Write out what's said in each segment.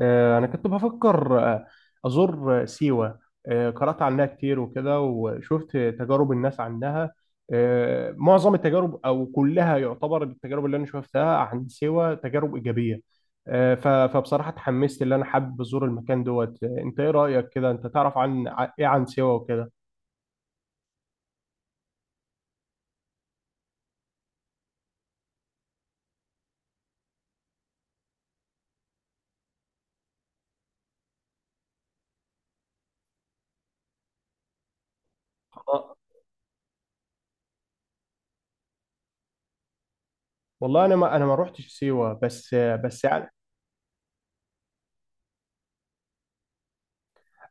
أنا كنت بفكر أزور سيوة. قرأت عنها كتير وكده وشفت تجارب الناس عنها. معظم التجارب أو كلها يعتبر التجارب اللي أنا شفتها عن سيوة تجارب إيجابية. فبصراحة اتحمست، اللي أنا حابب أزور المكان دوت. أنت إيه رأيك كده؟ أنت تعرف عن إيه عن سيوة وكده؟ آه، والله أنا ما روحتش سيوة، بس بس يعني.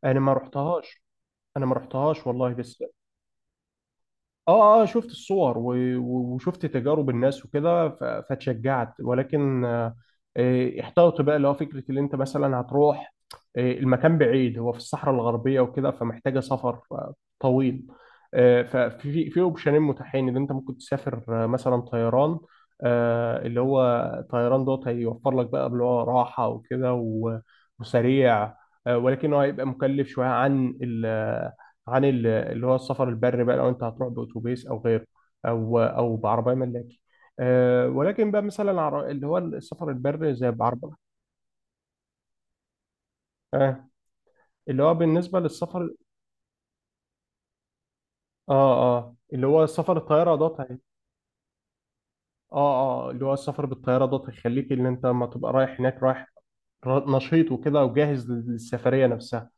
أنا ما رحتهاش، أنا ما رحتهاش والله، بس اه اه شفت الصور وشفت تجارب الناس وكده فاتشجعت، ولكن احتوت بقى اللي هو فكره اللي انت مثلا هتروح. المكان بعيد، هو في الصحراء الغربيه وكده، فمحتاجه سفر طويل. آه، ففي اوبشنين متاحين اللي انت ممكن تسافر، مثلا طيران، اللي هو طيران دوت هيوفر لك بقى اللي هو راحه وكده وسريع. ولكن هو هيبقى مكلف شويه عن اللي هو السفر البري بقى، لو انت هتروح باتوبيس او غيره، او بعربيه ملاكي. أه، ولكن بقى مثلا اللي هو السفر البري زي بعربيه. أه، اللي هو بالنسبه للسفر، اه اه اللي هو سفر الطياره دوت اه اه اللي هو السفر بالطياره دوت هيخليك ان انت لما تبقى رايح هناك رايح نشيط وكده وجاهز للسفريه نفسها.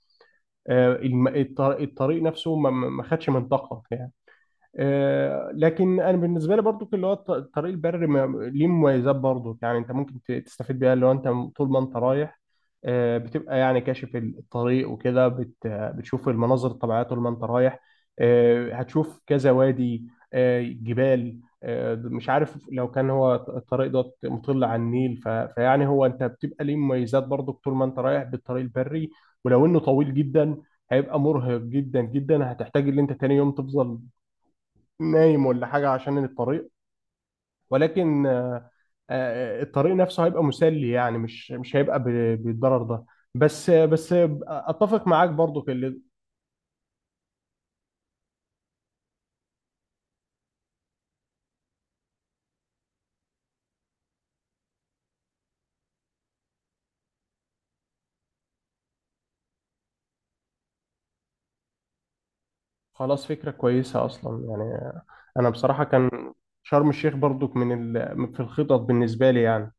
الطريق نفسه ما خدش منطقه يعني. لكن انا بالنسبه لي برضو، اللي هو الطريق البري ما ليه مميزات برضو، يعني انت ممكن تستفيد بيها اللي هو انت طول ما انت رايح. بتبقى يعني كاشف الطريق وكده، بتشوف المناظر الطبيعيه طول ما انت رايح. هتشوف كذا وادي، جبال. مش عارف لو كان هو الطريق ده مطل على النيل، فيعني هو انت بتبقى ليه مميزات برضو طول ما انت رايح بالطريق البري، ولو انه طويل جدا. هيبقى مرهق جدا جدا، هتحتاج ان انت تاني يوم تفضل نايم ولا حاجة عشان الطريق. ولكن الطريق نفسه هيبقى مسلي، يعني مش هيبقى بالضرر ده. بس بس اتفق معاك برضو في اللي... خلاص، فكرة كويسة اصلا يعني. انا بصراحة كان شرم الشيخ برضو من ال... في الخطط بالنسبة لي يعني.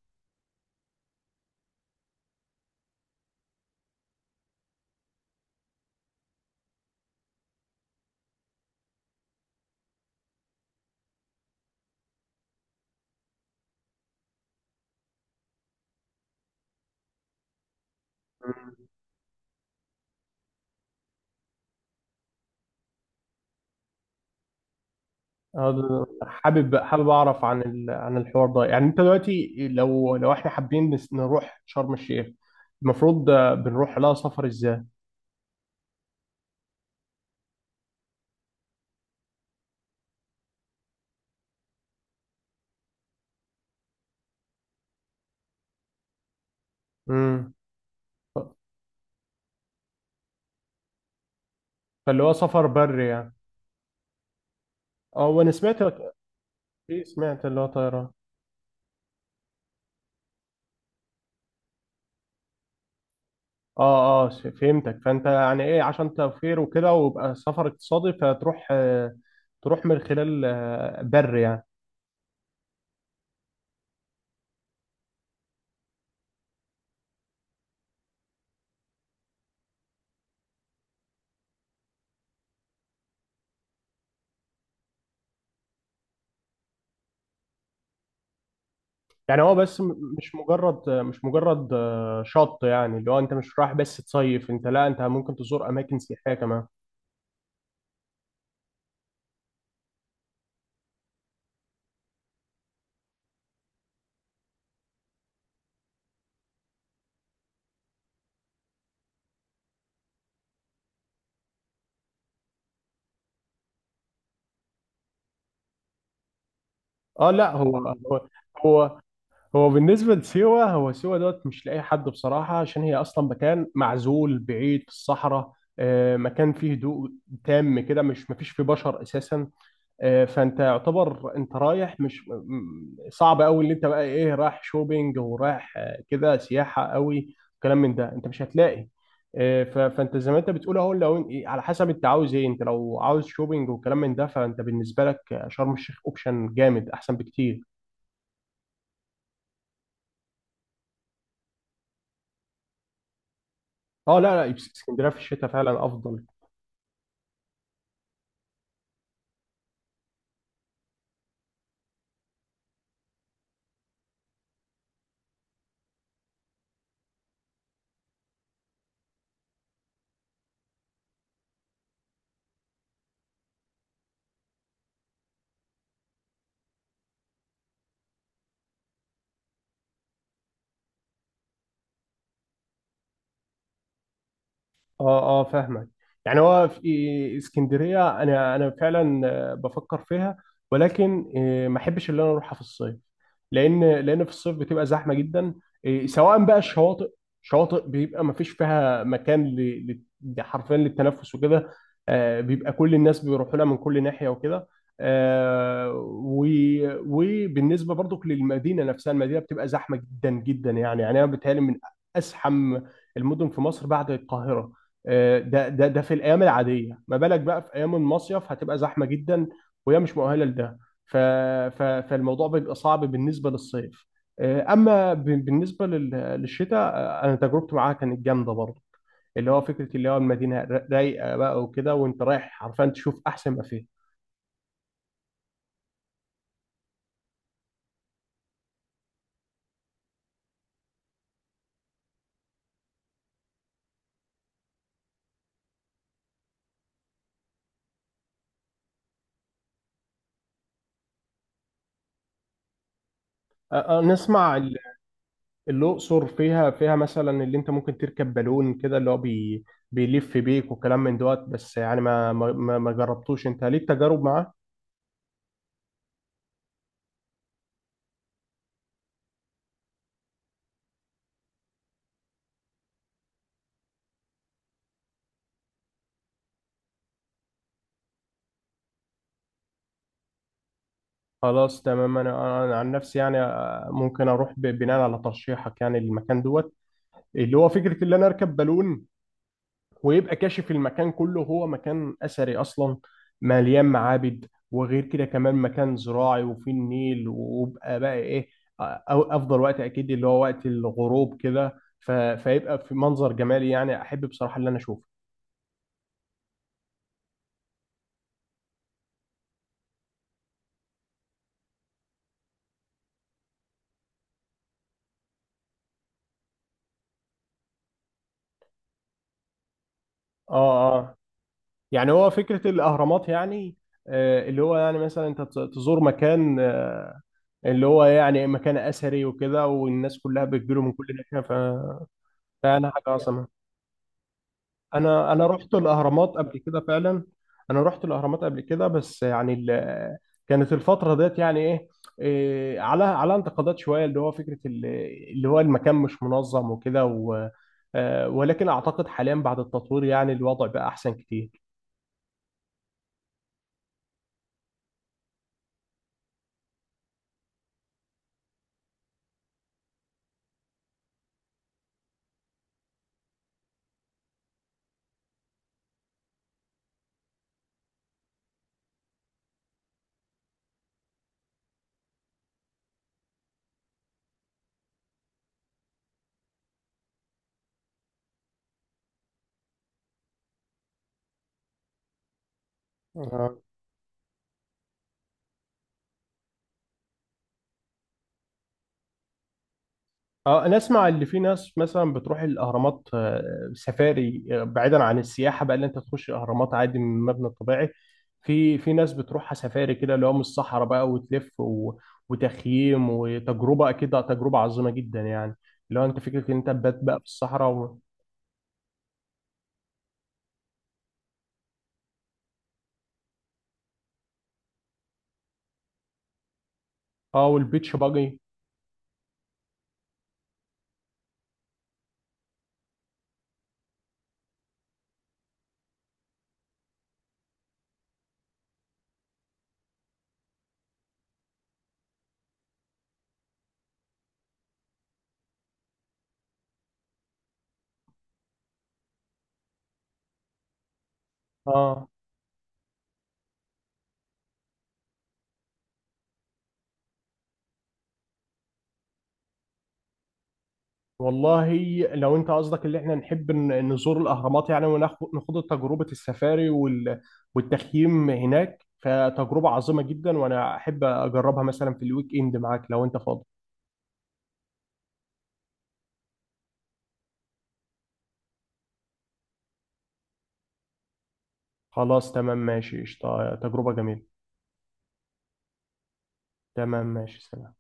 هذا- حابب اعرف عن ال... عن الحوار ده. يعني انت دلوقتي لو احنا حابين نروح شرم الشيخ، المفروض بنروح لها سفر ازاي؟ امم فاللي هو سفر بري يعني. اه وانا سمعت، في سمعت اللي هو طيران. اه اه، فهمتك. فانت يعني ايه، عشان توفير وكده ويبقى سفر اقتصادي، فتروح تروح من خلال بر يعني. يعني هو بس مش مجرد شط، يعني اللي هو انت مش رايح بس تصيف، انت لا، انت ممكن تزور اماكن سياحية كمان. اه لا، هو هو بالنسبة لسيوة، هو سيوة دوت مش لاقي حد بصراحة، عشان هي أصلا مكان معزول بعيد في الصحراء. مكان فيه هدوء تام كده، مش مفيش فيه بشر أساسا. فأنت يعتبر أنت رايح، مش صعب أوي اللي أنت بقى إيه، رايح شوبينج ورايح كده سياحة أوي، كلام من ده أنت مش هتلاقي. فأنت زي ما أنت بتقول أهو، لو إيه، على حسب أنت عاوز إيه. أنت لو عاوز شوبينج وكلام من ده، فأنت بالنسبة لك شرم الشيخ أوبشن جامد أحسن بكتير. اه لا لا، اسكندريه في الشتاء فعلا افضل. اه اه فاهمك. يعني هو في اسكندريه انا فعلا بفكر فيها، ولكن ما احبش ان انا اروحها في الصيف، لان في الصيف بتبقى زحمه جدا. سواء بقى شواطئ، بيبقى ما فيش فيها مكان حرفيا للتنفس وكده. بيبقى كل الناس بيروحوا لها من كل ناحيه وكده. آه، وبالنسبه برضك للمدينه نفسها، المدينه بتبقى زحمه جدا جدا، يعني انا بتهيألي من ازحم المدن في مصر بعد القاهره. ده في الايام العاديه، ما بالك بقى في ايام المصيف، هتبقى زحمه جدا وهي مش مؤهله لده. ف ف فالموضوع بيبقى صعب بالنسبه للصيف. اما بالنسبه للشتاء، انا تجربتي معاها كانت جامده برضه، اللي هو فكره اللي هو المدينه رايقه بقى وكده، وانت رايح حرفيا تشوف احسن ما فيها. نسمع ال-... الاقصر فيها، فيها مثلا اللي انت ممكن تركب بالون كده، اللي هو بيلف بيك وكلام من دوت. بس يعني ما جربتوش. انت ليك تجارب معاه؟ خلاص تمام، انا عن نفسي يعني، ممكن اروح بناء على ترشيحك يعني المكان دوت، اللي هو فكره ان انا اركب بالون ويبقى كاشف المكان كله. هو مكان اثري اصلا، مليان معابد، وغير كده كمان مكان زراعي وفيه النيل، ويبقى بقى ايه، أو افضل وقت اكيد اللي هو وقت الغروب كده، فيبقى في منظر جمالي. يعني احب بصراحه اللي انا اشوفه. اه اه، يعني هو فكره الاهرامات يعني، اللي هو يعني مثلا انت تزور مكان، اللي هو يعني مكان اثري وكده، والناس كلها بتجيله من كل ناحيه ف... فانا حاجه عظمه. انا رحت الاهرامات قبل كده فعلا. انا رحت الاهرامات قبل كده، بس يعني ال... كانت الفتره ديت يعني ايه، إيه، على على انتقادات شويه، اللي هو فكره اللي هو المكان مش منظم وكده و... ولكن اعتقد حاليا بعد التطوير يعني الوضع بقى احسن كتير. اه، انا اسمع اللي في ناس مثلا بتروح الاهرامات سفاري، بعيدا عن السياحه بقى اللي انت تخش الاهرامات عادي من المبنى الطبيعي. في ناس بتروحها سفاري كده، اللي هو من الصحراء بقى وتلف و... وتخييم، وتجربه اكيد تجربه عظيمه جدا يعني، اللي هو انت فكره ان انت تبات بقى في الصحراء و... اه، والبيتش باجي. اه والله، لو انت قصدك اللي احنا نحب نزور الاهرامات يعني وناخد تجربه السفاري والتخييم هناك، فتجربه عظيمه جدا وانا احب اجربها مثلا في الويك اند معاك لو انت فاضي. خلاص تمام ماشي، قشطة، تجربه جميله. تمام ماشي، سلام.